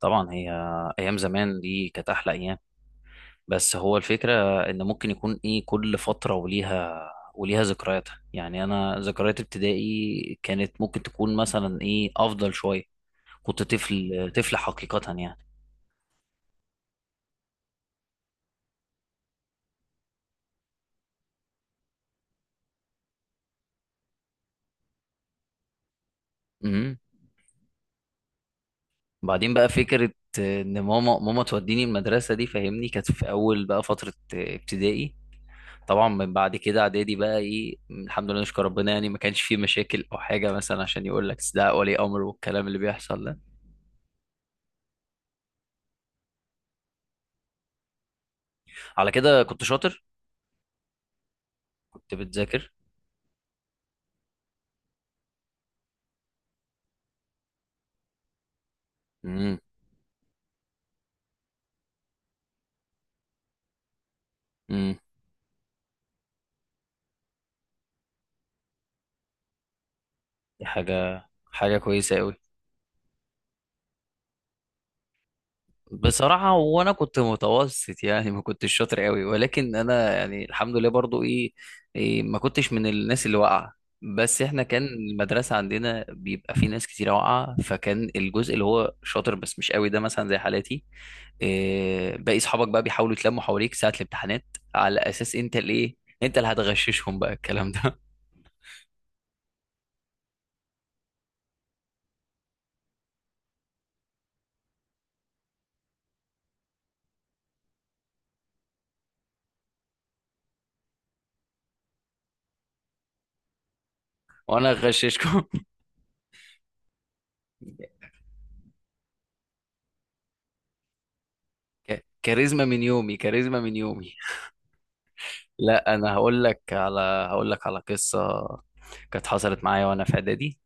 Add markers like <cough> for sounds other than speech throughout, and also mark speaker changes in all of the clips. Speaker 1: طبعا، هي ايام زمان دي كانت احلى ايام. بس هو الفكره ان ممكن يكون ايه كل فتره وليها ذكرياتها. يعني انا ذكريات ابتدائي كانت ممكن تكون مثلا ايه افضل شويه. كنت طفل طفل حقيقه يعني. امم. بعدين بقى فكره ان ماما توديني المدرسه دي فاهمني، كانت في اول بقى فتره ابتدائي. طبعا من بعد كده اعدادي بقى ايه الحمد لله نشكر ربنا، يعني ما كانش فيه مشاكل او حاجه مثلا عشان يقول لك ده ولي امر والكلام اللي بيحصل ده. على كده كنت شاطر. كنت بتذاكر. امم. امم. دي حاجة كويسة قوي. بصراحة وانا كنت متوسط، يعني ما كنتش شاطر قوي، ولكن انا يعني الحمد لله برضو ايه، إيه ما كنتش من الناس اللي واقعة. بس احنا كان المدرسة عندنا بيبقى في ناس كتير واقعة، فكان الجزء اللي هو شاطر بس مش قوي ده مثلا زي حالاتي. إيه باقي اصحابك بقى بيحاولوا يتلموا حواليك ساعة الامتحانات على اساس انت الايه، انت اللي هتغششهم بقى الكلام ده. <laughs> وانا هغششكم. كاريزما من يومي، كاريزما من يومي. لا انا هقول لك على قصه كانت حصلت معايا وانا في اعدادي.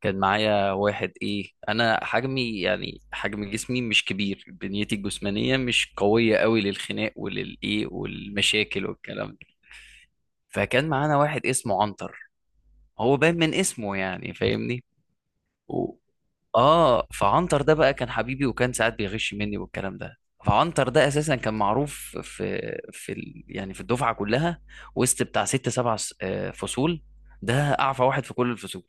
Speaker 1: كان معايا واحد ايه، انا حجمي يعني حجم جسمي مش كبير، بنيتي الجسمانيه مش قويه قوي للخناق وللايه والمشاكل والكلام ده. فكان معانا واحد اسمه عنتر، هو باين من اسمه يعني فاهمني. و- اه فعنتر ده بقى كان حبيبي، وكان ساعات بيغش مني والكلام ده. فعنتر ده اساسا كان معروف في يعني في الدفعه كلها، وسط بتاع ست سبع فصول. ده اعفى واحد في كل الفصول.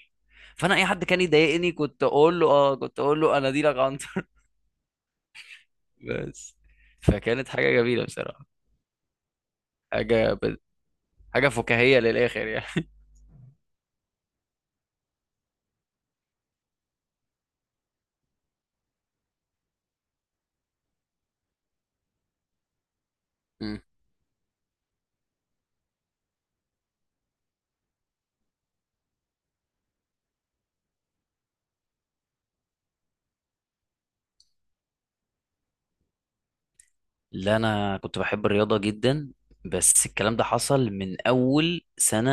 Speaker 1: فانا اي حد كان يضايقني كنت اقول له انا دي لك عنتر. <laughs> بس. فكانت حاجه جميله بصراحه. حاجه ب... حاجه فكاهيه للاخر يعني. لا انا كنت بحب الرياضه جدا. بس الكلام ده حصل من اول سنه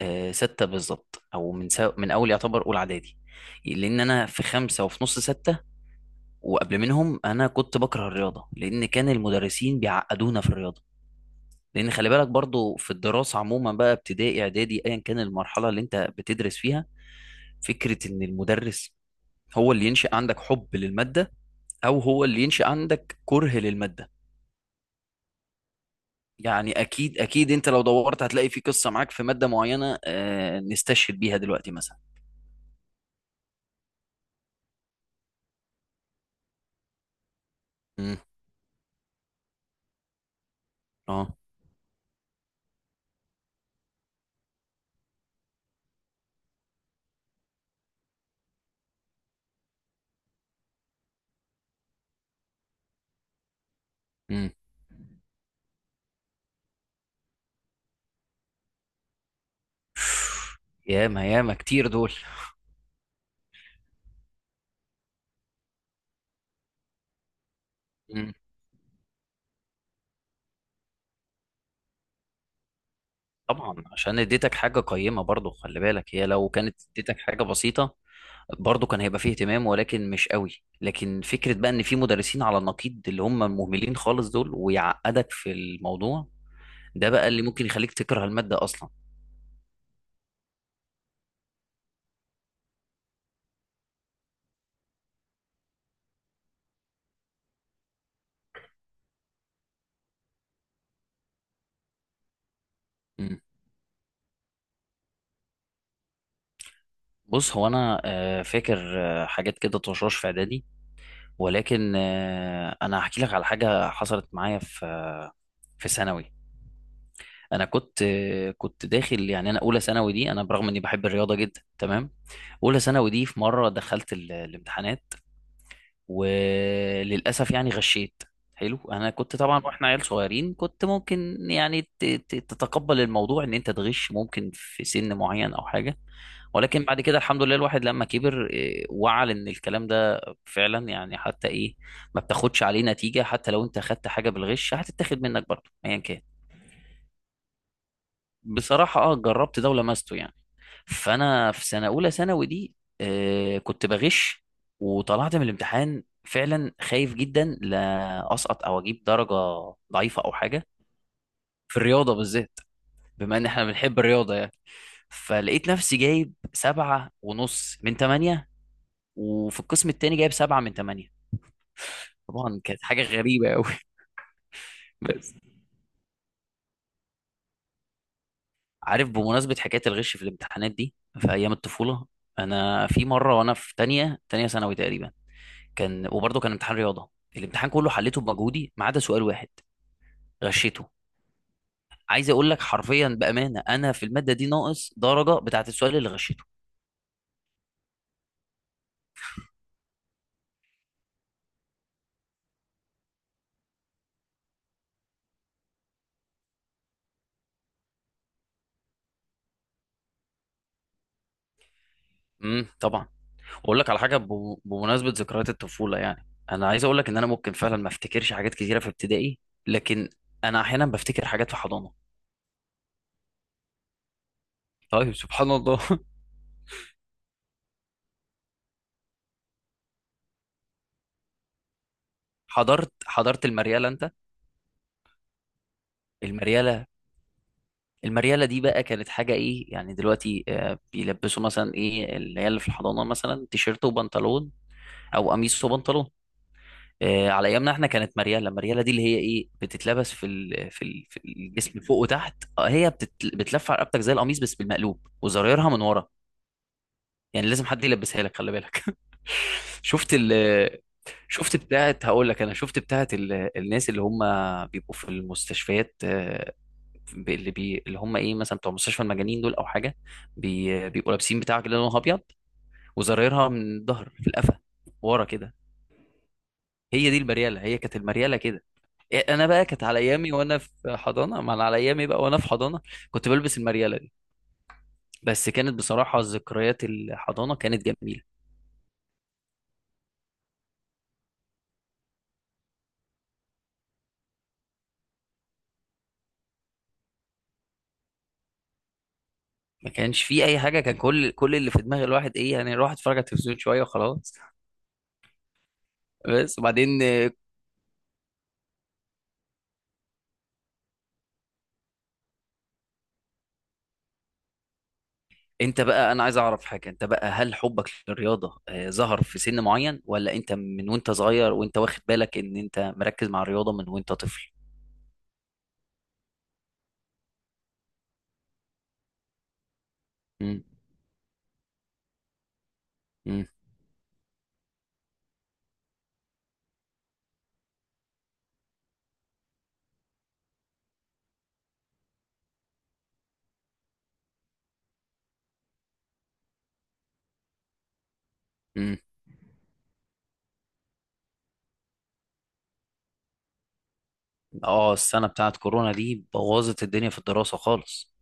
Speaker 1: ستة بالظبط، او من اول يعتبر اولى اعدادي. لان انا في خمسة وفي نص ستة، وقبل منهم انا كنت بكره الرياضه، لان كان المدرسين بيعقدونا في الرياضه. لان خلي بالك برضو في الدراسه عموما بقى ابتدائي اعدادي ايا كان المرحله اللي انت بتدرس فيها، فكره ان المدرس هو اللي ينشئ عندك حب للماده او هو اللي ينشئ عندك كره للماده. يعني اكيد اكيد انت لو دورت هتلاقي في قصه معاك في ماده معينه نستشهد بيها دلوقتي مثلا. امم. اه. امم. ياما ياما كتير دول. امم. طبعا عشان اديتك حاجه قيمه، برضو خلي بالك هي لو كانت اديتك حاجه بسيطه برضو كان هيبقى فيه اهتمام ولكن مش قوي. لكن فكره بقى ان في مدرسين على النقيض اللي هم مهملين خالص دول ويعقدك في الموضوع. ده بقى اللي ممكن يخليك تكره الماده اصلا. امم. بص هو انا فاكر حاجات كده طشاش في اعدادي، ولكن انا هحكي لك على حاجه حصلت معايا في ثانوي. انا كنت داخل، يعني انا اولى ثانوي دي انا برغم اني بحب الرياضه جدا تمام. اولى ثانوي دي في مره دخلت الامتحانات وللاسف يعني غشيت. حلو، انا كنت طبعا، واحنا عيال صغيرين، كنت ممكن يعني تتقبل الموضوع ان انت تغش ممكن في سن معين او حاجه، ولكن بعد كده الحمد لله الواحد لما كبر وعى ان الكلام ده فعلا، يعني حتى ايه، ما بتاخدش عليه نتيجه. حتى لو انت خدت حاجه بالغش هتتاخد منك برضه ايا كان. بصراحه اه، جربت ده ولمسته يعني. فانا في سنه اولى ثانوي دي كنت بغش، وطلعت من الامتحان فعلا خايف جدا لا اسقط او اجيب درجه ضعيفه او حاجه، في الرياضه بالذات، بما ان احنا بنحب الرياضه يعني. فلقيت نفسي جايب 7.5 من 8، وفي القسم التاني جايب 7 من 8. طبعا كانت حاجة غريبة أوي. <laughs> بس عارف، بمناسبة حكاية الغش في الامتحانات دي في أيام الطفولة، أنا في مرة وأنا في تانية ثانوي تقريبا، كان وبرضه كان امتحان رياضه، الامتحان كله حليته بمجهودي ما عدا سؤال واحد غشيته. عايز اقول لك حرفيا بامانه انا في الماده دي ناقص درجه بتاعت السؤال اللي غشيته. امم، طبعا. واقول لك على حاجه بمناسبه ذكريات الطفوله، يعني انا عايز اقول لك ان انا ممكن فعلا ما افتكرش حاجات كتيره في ابتدائي، لكن انا احيانا بفتكر حاجات في حضانه. طيب سبحان الله. <laughs> حضرت المرياله انت؟ المرياله المرياله دي بقى كانت حاجه ايه يعني. دلوقتي بيلبسوا مثلا ايه العيال اللي في الحضانه، مثلا تيشيرت وبنطلون او قميص وبنطلون. على ايامنا احنا كانت مرياله، مرياله دي اللي هي ايه بتتلبس في الجسم فوق وتحت. هي بتلف على رقبتك زي القميص بس بالمقلوب وزرايرها من ورا. يعني لازم حد يلبسها لك خلي بالك. <laughs> شفت ال... شفت بتاعت، هقول لك، انا شفت بتاعت الناس اللي هم بيبقوا في المستشفيات، اللي هم ايه مثلا بتوع مستشفى المجانين دول او حاجه، بيبقوا لابسين بتاع كده لونها ابيض وزرايرها من الظهر في القفا ورا كده. هي دي المريالة، هي كانت المريالة كده. انا بقى كانت على ايامي وانا في حضانة، ما انا على ايامي بقى وانا في حضانة كنت بلبس المريالة دي. بس كانت بصراحة ذكريات الحضانة كانت جميلة. ما كانش في اي حاجة، كان كل اللي في دماغ الواحد ايه يعني الواحد اتفرج على التلفزيون شوية وخلاص. بس وبعدين انت بقى انا عايز اعرف حاجة، انت بقى هل حبك للرياضة ظهر في سن معين، ولا انت من وانت صغير وانت واخد بالك ان انت مركز مع الرياضة من وانت طفل؟ امم. اه. السنة بتاعت كورونا دي بوظت الدنيا في الدراسة خالص.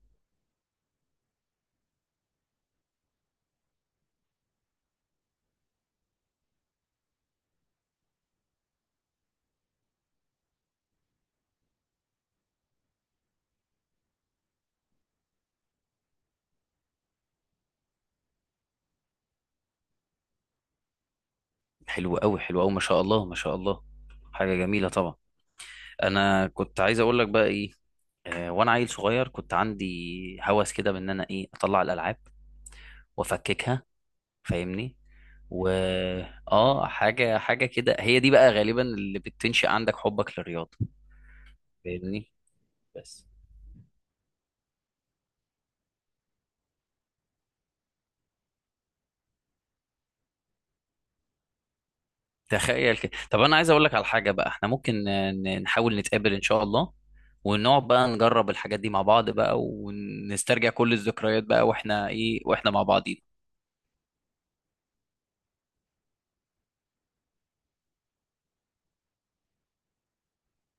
Speaker 1: حلو قوي، حلو قوي، ما شاء الله ما شاء الله. حاجة جميلة طبعا. انا كنت عايز اقول لك بقى ايه، وانا عيل صغير كنت عندي هوس كده بان انا ايه اطلع الالعاب وافككها فاهمني. و اه حاجة كده هي دي بقى غالبا اللي بتنشئ عندك حبك للرياضة، فاهمني. بس تخيل كده. طب انا عايز اقول لك على حاجه بقى، احنا ممكن نحاول نتقابل ان شاء الله ونقعد بقى نجرب الحاجات دي مع بعض، بقى ونسترجع كل الذكريات بقى واحنا ايه واحنا مع بعضين.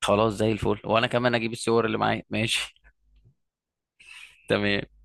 Speaker 1: خلاص زي الفل، وانا كمان اجيب الصور اللي معايا ماشي. <laughs> تمام.